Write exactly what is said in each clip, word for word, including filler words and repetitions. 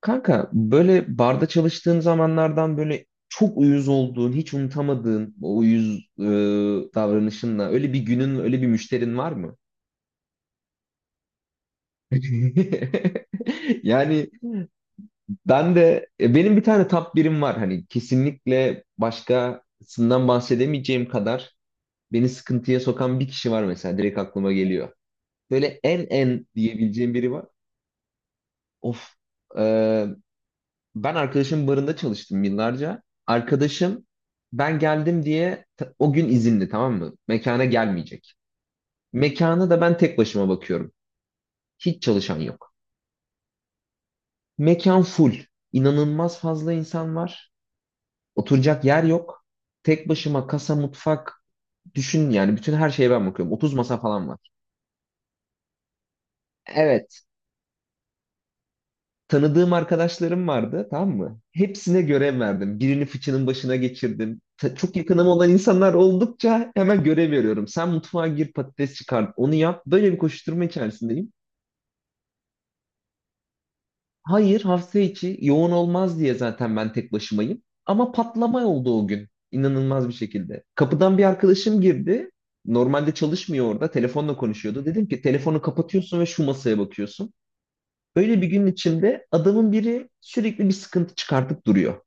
Kanka böyle barda çalıştığın zamanlardan böyle çok uyuz olduğun, hiç unutamadığın o uyuz e, davranışınla öyle bir günün, öyle bir müşterin var mı? Yani ben de e, benim bir tane top birim var, hani kesinlikle başkasından bahsedemeyeceğim kadar beni sıkıntıya sokan bir kişi var, mesela direkt aklıma geliyor. Böyle en en diyebileceğim biri var. Of. e, Ben arkadaşımın barında çalıştım yıllarca. Arkadaşım ben geldim diye ta- o gün izinli, tamam mı? Mekana gelmeyecek. Mekana da ben tek başıma bakıyorum. Hiç çalışan yok. Mekan full. İnanılmaz fazla insan var. Oturacak yer yok. Tek başıma kasa, mutfak, düşün yani bütün her şeye ben bakıyorum. otuz masa falan var. Evet. Tanıdığım arkadaşlarım vardı, tamam mı? Hepsine görev verdim. Birini fıçının başına geçirdim. Ta- çok yakınım olan insanlar oldukça hemen görev veriyorum. Sen mutfağa gir, patates çıkar, onu yap. Böyle bir koşturma içerisindeyim. Hayır, hafta içi yoğun olmaz diye zaten ben tek başımayım. Ama patlama oldu o gün. İnanılmaz bir şekilde. Kapıdan bir arkadaşım girdi. Normalde çalışmıyor orada. Telefonla konuşuyordu. Dedim ki telefonu kapatıyorsun ve şu masaya bakıyorsun. Böyle bir gün içinde adamın biri sürekli bir sıkıntı çıkartıp duruyor.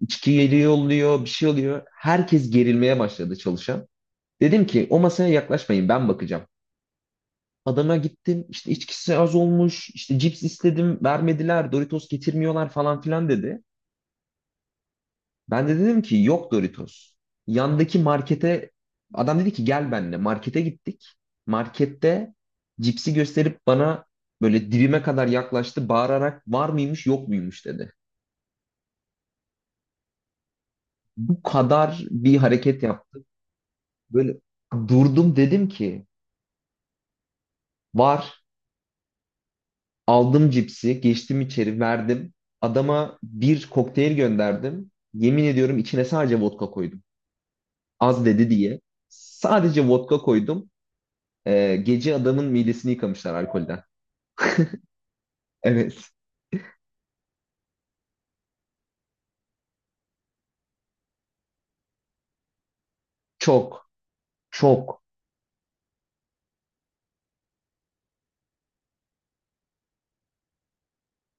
İçki geliyor oluyor, bir şey oluyor. Herkes gerilmeye başladı, çalışan. Dedim ki o masaya yaklaşmayın, ben bakacağım. Adama gittim, işte içkisi az olmuş, işte cips istedim vermediler, Doritos getirmiyorlar falan filan dedi. Ben de dedim ki yok Doritos. Yandaki markete adam dedi ki gel benimle, markete gittik. Markette cipsi gösterip bana böyle dibime kadar yaklaştı, bağırarak var mıymış yok muymuş dedi. Bu kadar bir hareket yaptı. Böyle durdum, dedim ki var. Aldım cipsi, geçtim içeri, verdim. Adama bir kokteyl gönderdim. Yemin ediyorum içine sadece vodka koydum. Az dedi diye. Sadece vodka koydum. Ee, gece adamın midesini yıkamışlar alkolden. Evet. Çok. Çok.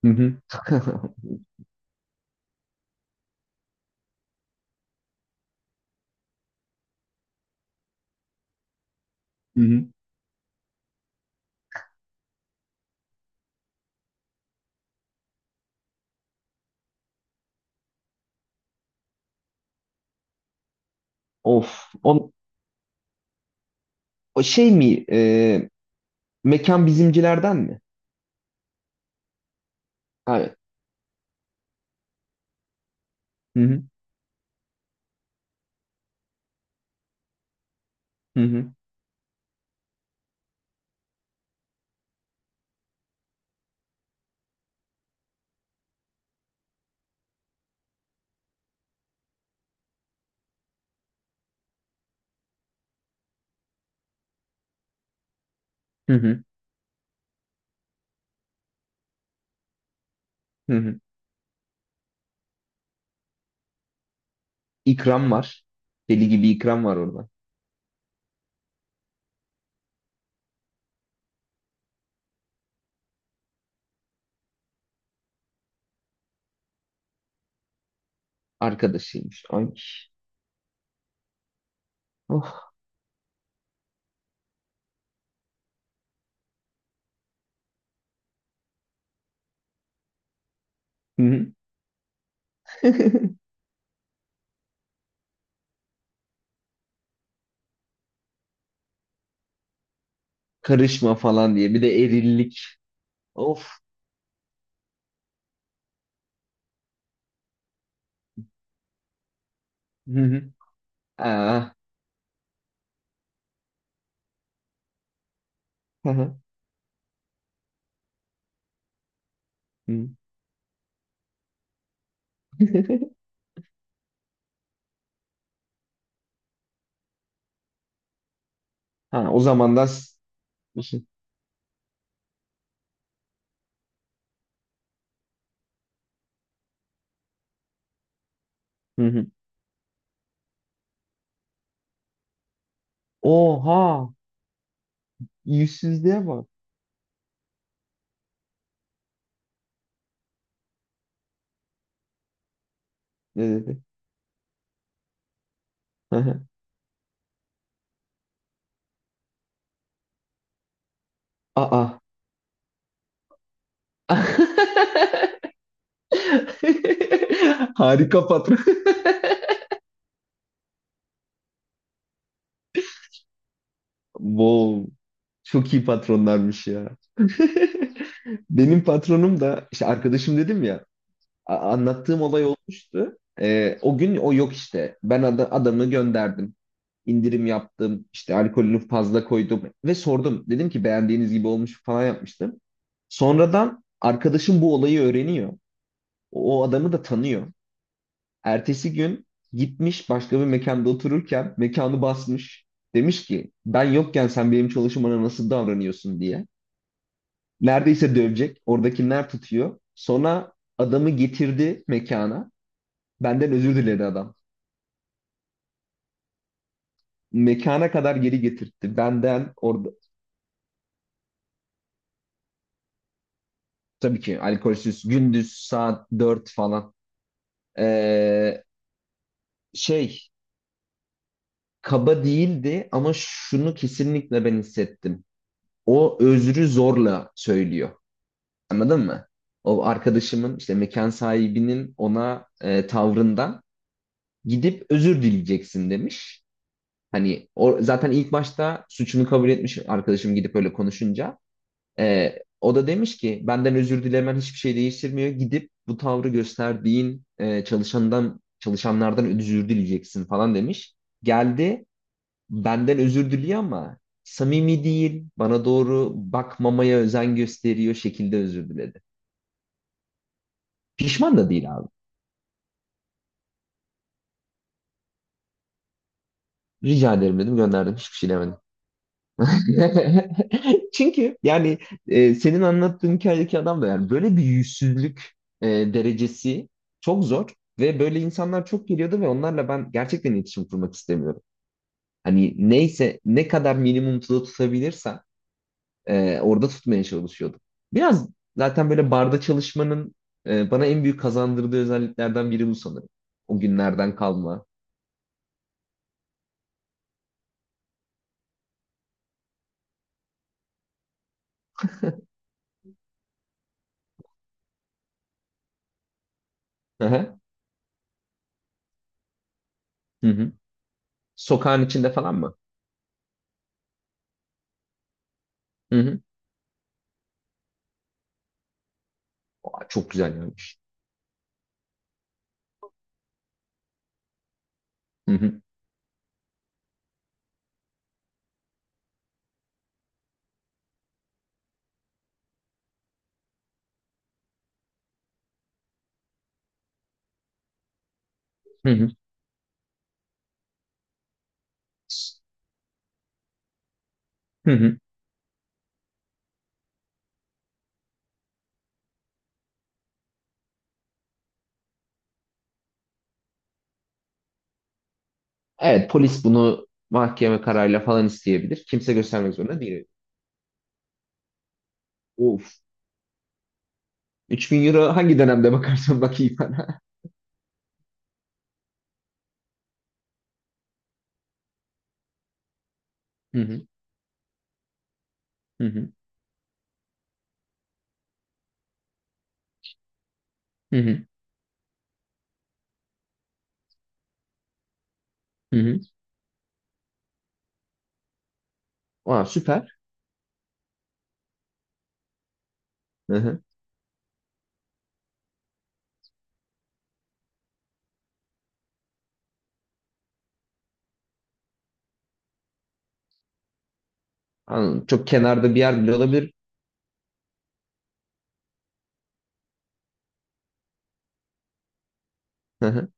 Hı hı. Hı hı. Of. O, o şey mi? E, mekan bizimcilerden mi? Evet. Hı hı. Hı hı. Hı hı. Hı hı. İkram var. Deli gibi ikram var orada. Arkadaşıymış. Ay. Of. Hı hı. Karışma falan diye. Bir de erillik. Of. Hı hı. Aa. Hı hı. Hı. Ha, o zaman da s- şey- Hı hı. Oha. Yüzsüzlüğe bak. Ne dedi? Hı hı. Aa. Harika patron. Wow. Çok iyi patronlarmış ya. Benim patronum da, işte arkadaşım dedim ya, a- anlattığım olay olmuştu. Ee, o gün o yok işte. Ben ada- adamı gönderdim. İndirim yaptım. İşte alkolünü fazla koydum ve sordum. Dedim ki beğendiğiniz gibi olmuş falan yapmıştım. Sonradan arkadaşım bu olayı öğreniyor. O o adamı da tanıyor. Ertesi gün gitmiş, başka bir mekanda otururken mekanı basmış. Demiş ki ben yokken sen benim çalışmana nasıl davranıyorsun diye. Neredeyse dövecek. Oradakiler tutuyor. Sonra adamı getirdi mekana. Benden özür diledi adam. Mekana kadar geri getirtti. Benden or... Tabii ki alkolsüz. Gündüz saat dört falan. Ee, şey Kaba değildi ama şunu kesinlikle ben hissettim. O özrü zorla söylüyor. Anladın mı? O arkadaşımın, işte mekan sahibinin ona e, tavrından gidip özür dileyeceksin demiş. Hani o zaten ilk başta suçunu kabul etmiş, arkadaşım gidip öyle konuşunca. Ee, o da demiş ki benden özür dilemen hiçbir şey değiştirmiyor. Gidip bu tavrı gösterdiğin e, çalışandan çalışanlardan özür dileyeceksin falan demiş. Geldi, benden özür diliyor ama samimi değil. Bana doğru bakmamaya özen gösteriyor şekilde özür diledi. Pişman da değil abi. Rica ederim dedim, gönderdim, hiçbir şey demedim. Çünkü yani e, senin anlattığın hikayedeki adam da, yani böyle bir yüzsüzlük e, derecesi çok zor, ve böyle insanlar çok geliyordu ve onlarla ben gerçekten iletişim kurmak istemiyorum. Hani neyse, ne kadar minimumda tutabilirsem e, orada tutmaya çalışıyordum. Biraz zaten böyle barda çalışmanın e, bana en büyük kazandırdığı özelliklerden biri bu sanırım. O günlerden kalma. Hı hı. Hı hı. Sokağın içinde falan mı? Hı hı. Aa, çok güzel yani. Hı hı. Hı hı. Hı hı. Evet, polis bunu mahkeme kararıyla falan isteyebilir. Kimse göstermek zorunda değil. Of. üç bin euro hangi dönemde bakarsan bakayım bana. Hı hı. Hı hı. Hı hı. Hı hı. Aa, süper. Hı hı. Anladım. Çok kenarda bir yer bile olabilir. Hı hı.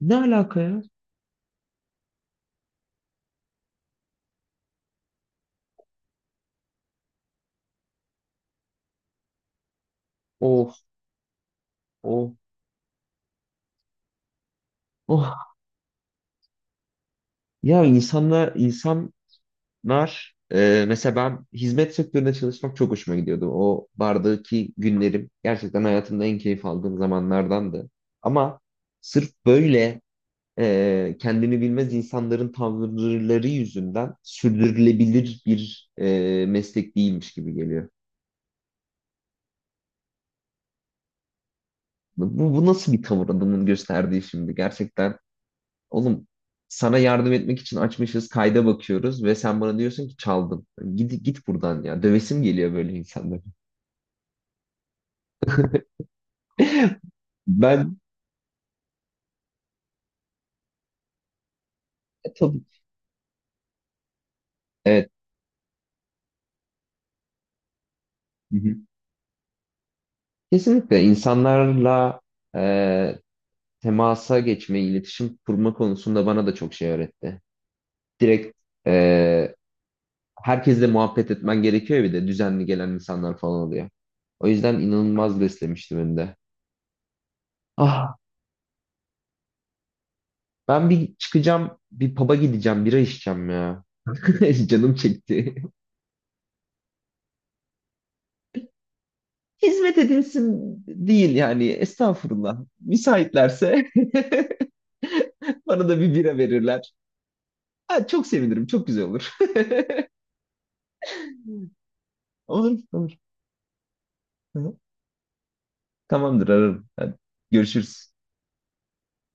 Ne alaka ya? Of. Of. Oh. Ya, insanlar, insanlar e, mesela ben hizmet sektöründe çalışmak çok hoşuma gidiyordu. O bardaki günlerim gerçekten hayatımda en keyif aldığım zamanlardandı. Ama sırf böyle e, kendini bilmez insanların tavırları yüzünden sürdürülebilir bir e, meslek değilmiş gibi geliyor. Bu, bu nasıl bir tavır adamın gösterdiği şimdi? Gerçekten oğlum, sana yardım etmek için açmışız, kayda bakıyoruz ve sen bana diyorsun ki çaldım. Git git buradan ya. Dövesim geliyor böyle insanlara. Ben e, tabii evet. Hı hı. Kesinlikle insanlarla e, temasa geçme, iletişim kurma konusunda bana da çok şey öğretti. Direkt e, herkesle muhabbet etmen gerekiyor ya, bir de düzenli gelen insanlar falan oluyor. O yüzden inanılmaz beslemişti beni de. Ah, ben bir çıkacağım, bir pub'a gideceğim, bira içeceğim ya. Canım çekti. Hizmet edilsin değil yani, estağfurullah. Müsaitlerse bana da bir bira verirler. Ha, çok sevinirim, çok güzel olur. Olur, olur. Hı hı. Tamamdır, ararım. Hadi, görüşürüz.